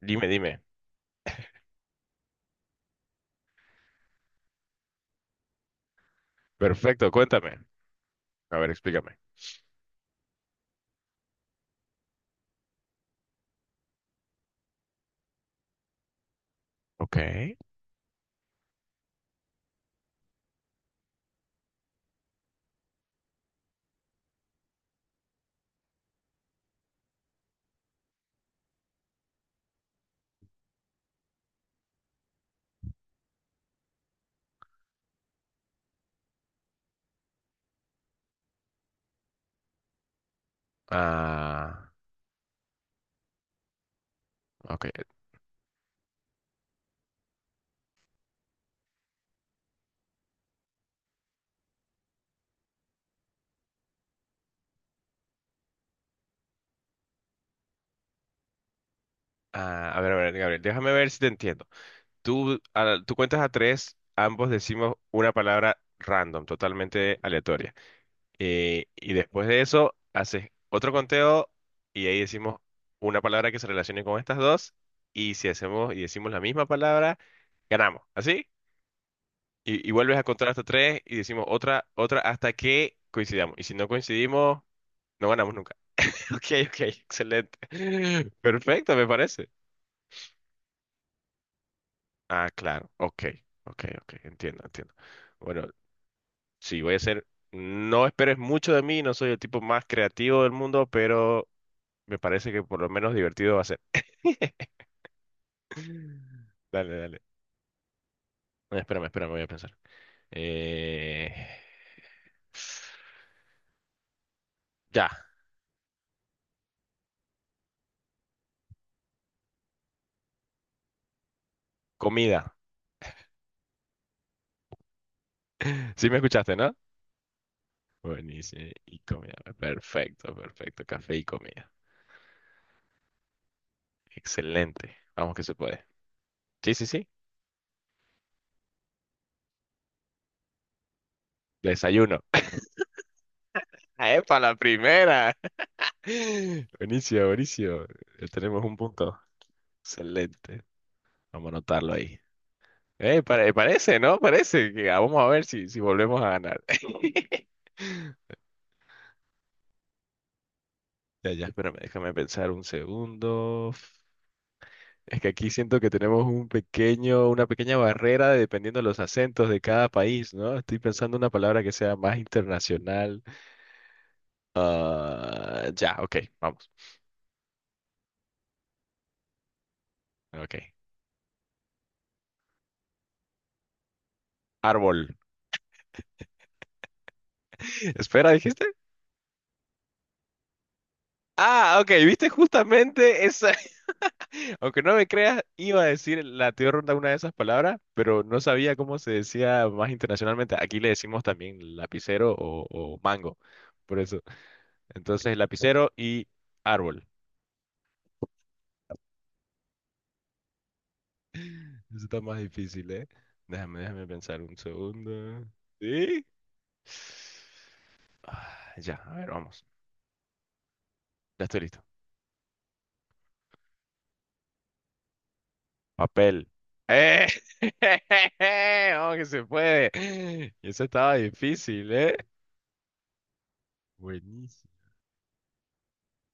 Dime, dime. Perfecto, cuéntame. A ver, explícame. Ok. Ah, ok. Ah, a ver, Gabriel, déjame ver si te entiendo. Tú cuentas a tres, ambos decimos una palabra random, totalmente aleatoria. Y después de eso, haces otro conteo y ahí decimos una palabra que se relacione con estas dos. Y si hacemos y decimos la misma palabra, ganamos. ¿Así? Y vuelves a contar hasta tres y decimos otra, otra hasta que coincidamos. Y si no coincidimos, no ganamos nunca. Ok, ok, excelente. Perfecto, me parece. Ah, claro. Ok, ok, ok. Entiendo, entiendo. Bueno, sí, voy a ser. No esperes mucho de mí, no soy el tipo más creativo del mundo, pero me parece que por lo menos divertido va a ser. Dale, dale. Espérame, espérame, voy a pensar. Eh... Ya, comida. Sí me escuchaste, ¿no? Buenísimo. Y comida. Perfecto, perfecto. Café y comida. Excelente. Vamos que se puede. Sí, sí, sí. Desayuno. ¡Epa, la primera! Buenísimo, buenísimo. Ya tenemos un punto. Excelente. Vamos a anotarlo ahí. Parece, ¿no? Parece que ah, vamos a ver si, si volvemos a ganar. Ya, ya, espérame, déjame pensar un segundo. Es que aquí siento que tenemos un pequeño, una pequeña barrera de- dependiendo de los acentos de cada país, ¿no? Estoy pensando una palabra que sea más internacional. Ah, ya, ok, vamos. Ok. Árbol. Espera, ¿dijiste? Ah, ok, viste justamente esa. Aunque no me creas, iba a decir la tía ronda una de esas palabras, pero no sabía cómo se decía más internacionalmente. Aquí le decimos también lapicero o mango. Por eso. Entonces, lapicero y árbol. Eso está más difícil, ¿eh? Déjame, déjame pensar un segundo. ¿Sí? Ah, ya, a ver, vamos. Ya estoy listo. Papel. ¡Eh! ¡Oh, que se puede! Eso estaba difícil, ¿eh? Buenísimo.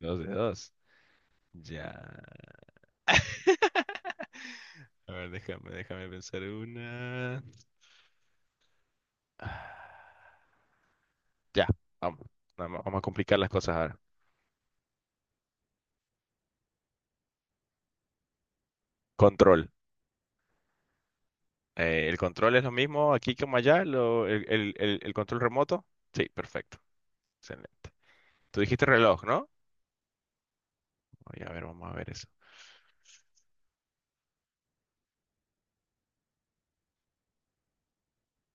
Dos de dos. Ya. A ver, déjame, déjame pensar una. Ah, ya, vamos. Vamos, vamos a complicar las cosas ahora. Control. ¿El control es lo mismo aquí como allá? ¿El control remoto? Sí, perfecto. Excelente. Tú dijiste reloj, ¿no? Oye, a ver, vamos a ver eso.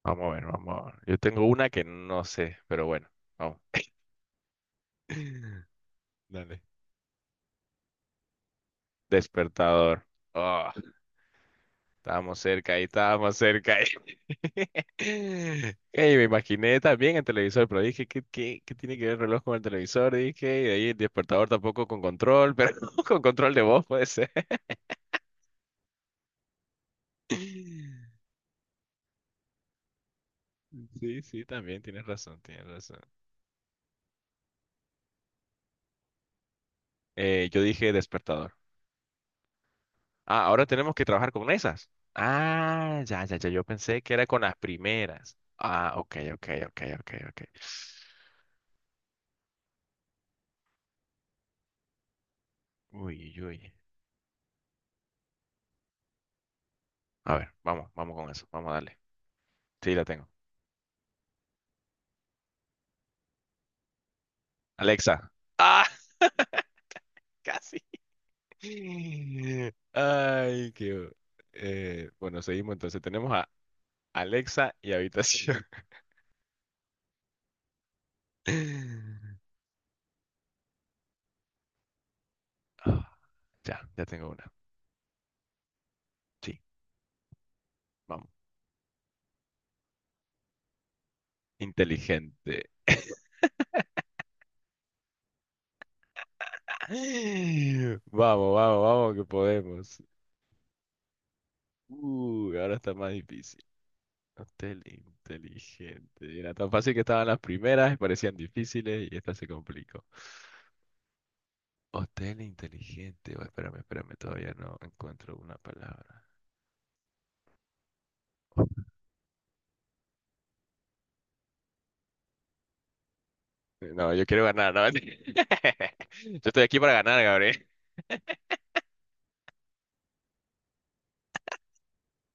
Vamos a ver, vamos a ver. Yo tengo una que no sé, pero bueno, vamos. Dale. Despertador. Oh, estábamos cerca ahí, estábamos cerca ahí. Ey, me imaginé también el televisor, pero dije, ¿qué, qué, qué tiene que ver el reloj con el televisor? Dije, y de ahí el despertador tampoco con control, pero con control de voz puede ser. Sí, sí, también tienes razón, tienes razón. Yo dije despertador. Ah, ahora tenemos que trabajar con esas. Ah, ya, ya, ya, yo pensé que era con las primeras. Ah, ok, ok, ok, ok, ok. Uy, uy, uy. A ver, vamos, vamos con eso. Vamos a darle. Sí, la tengo. Alexa. Ah, casi. Ay, qué... bueno, seguimos entonces. Tenemos a Alexa y habitación. Ah, ya, ya tengo una. Sí, vamos. Inteligente. Vamos, vamos, vamos, que podemos. Ahora está más difícil. Hotel inteligente. Era tan fácil que estaban las primeras, parecían difíciles y esta se complicó. Hotel inteligente. Oh, espérame, espérame, todavía no encuentro una palabra. No, yo quiero ganar, ¿no? Yo estoy aquí para ganar, Gabriel.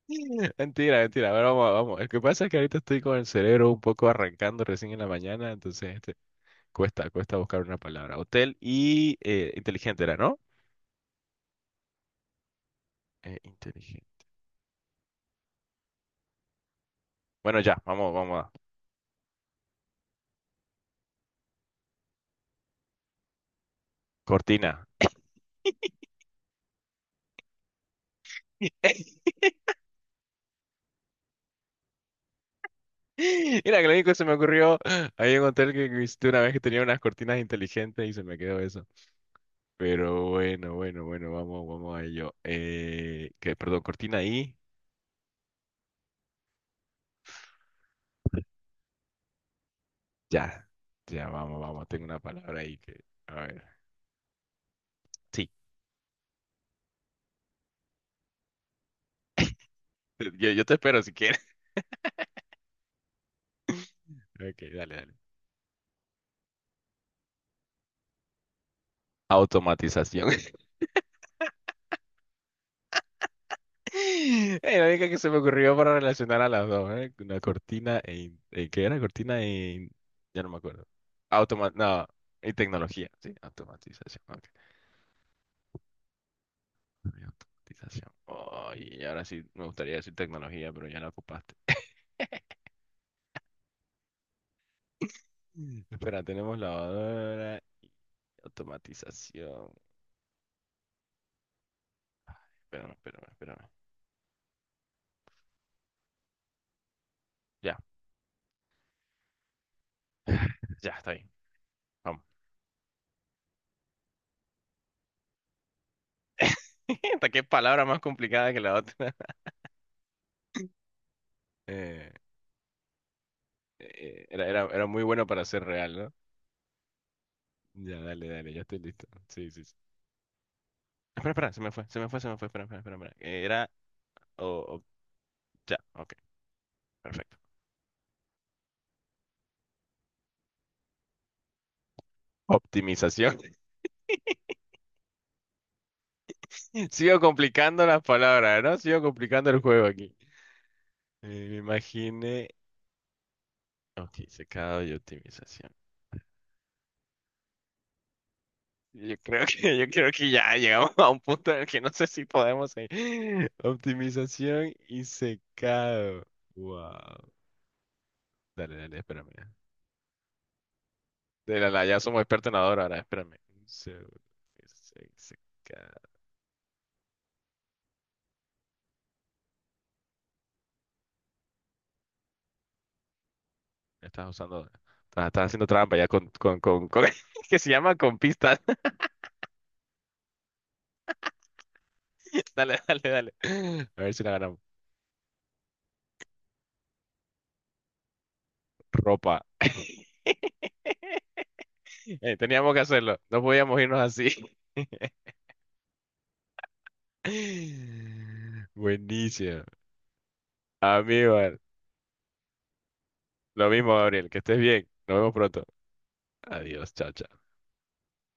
Mentira, mentira. A ver, vamos, vamos. El que pasa es que ahorita estoy con el cerebro un poco arrancando recién en la mañana, entonces este, cuesta, cuesta buscar una palabra. Hotel y inteligente era, ¿no? Inteligente. Bueno, ya, vamos, vamos a. Cortina. Mira, que lo único que se me ocurrió, había un hotel que visité una vez que tenía unas cortinas inteligentes y se me quedó eso. Pero bueno, bueno, bueno, vamos, vamos a ello. Perdón, cortina ahí. Ya, ya, vamos, vamos. Tengo una palabra ahí que. A ver. Sí, yo te espero si quieres. Ok, dale, dale. Automatización. La única que se me ocurrió para relacionar a las dos, ¿eh? Una cortina e... ¿qué era? Cortina e... Ya no me acuerdo. Automa... No, y tecnología, sí, automatización. Ok. Automatización. Ay, y ahora sí me gustaría decir tecnología, pero ya la ocupaste. Mm. Espera, tenemos lavadora, automatización. Ay, espérame, espérame, espérame. Ya, ya, está ahí. Vamos. Hasta qué palabra más complicada que la otra. Eh, era, era, era muy bueno para ser real, ¿no? Ya, dale, dale, ya estoy listo. Sí, sí, sí. Espera, espera, se me fue, se me fue, se me fue. Espera, espera, espera. Espera. Era. o- o- ya, ok, perfecto. Optimización. Sigo complicando las palabras, ¿no? Sigo complicando el juego aquí. Me imaginé. Ok, secado y optimización. Yo creo que ya llegamos a un punto en el que no sé si podemos seguir. Optimización y secado. Wow. Dale, dale, espérame. De la, la- ya somos expertos en ador ahora, espérame. Un segundo. Se- Secado. Ya estás usando. Estás, estás haciendo trampa ya con- que se llama con pistas. Dale, dale, dale. A ver si la ganamos. Ropa. Teníamos que hacerlo. No podíamos irnos así. Buenísimo. Amigo, lo mismo, Gabriel, que estés bien. Nos vemos pronto. Adiós, chao, chao.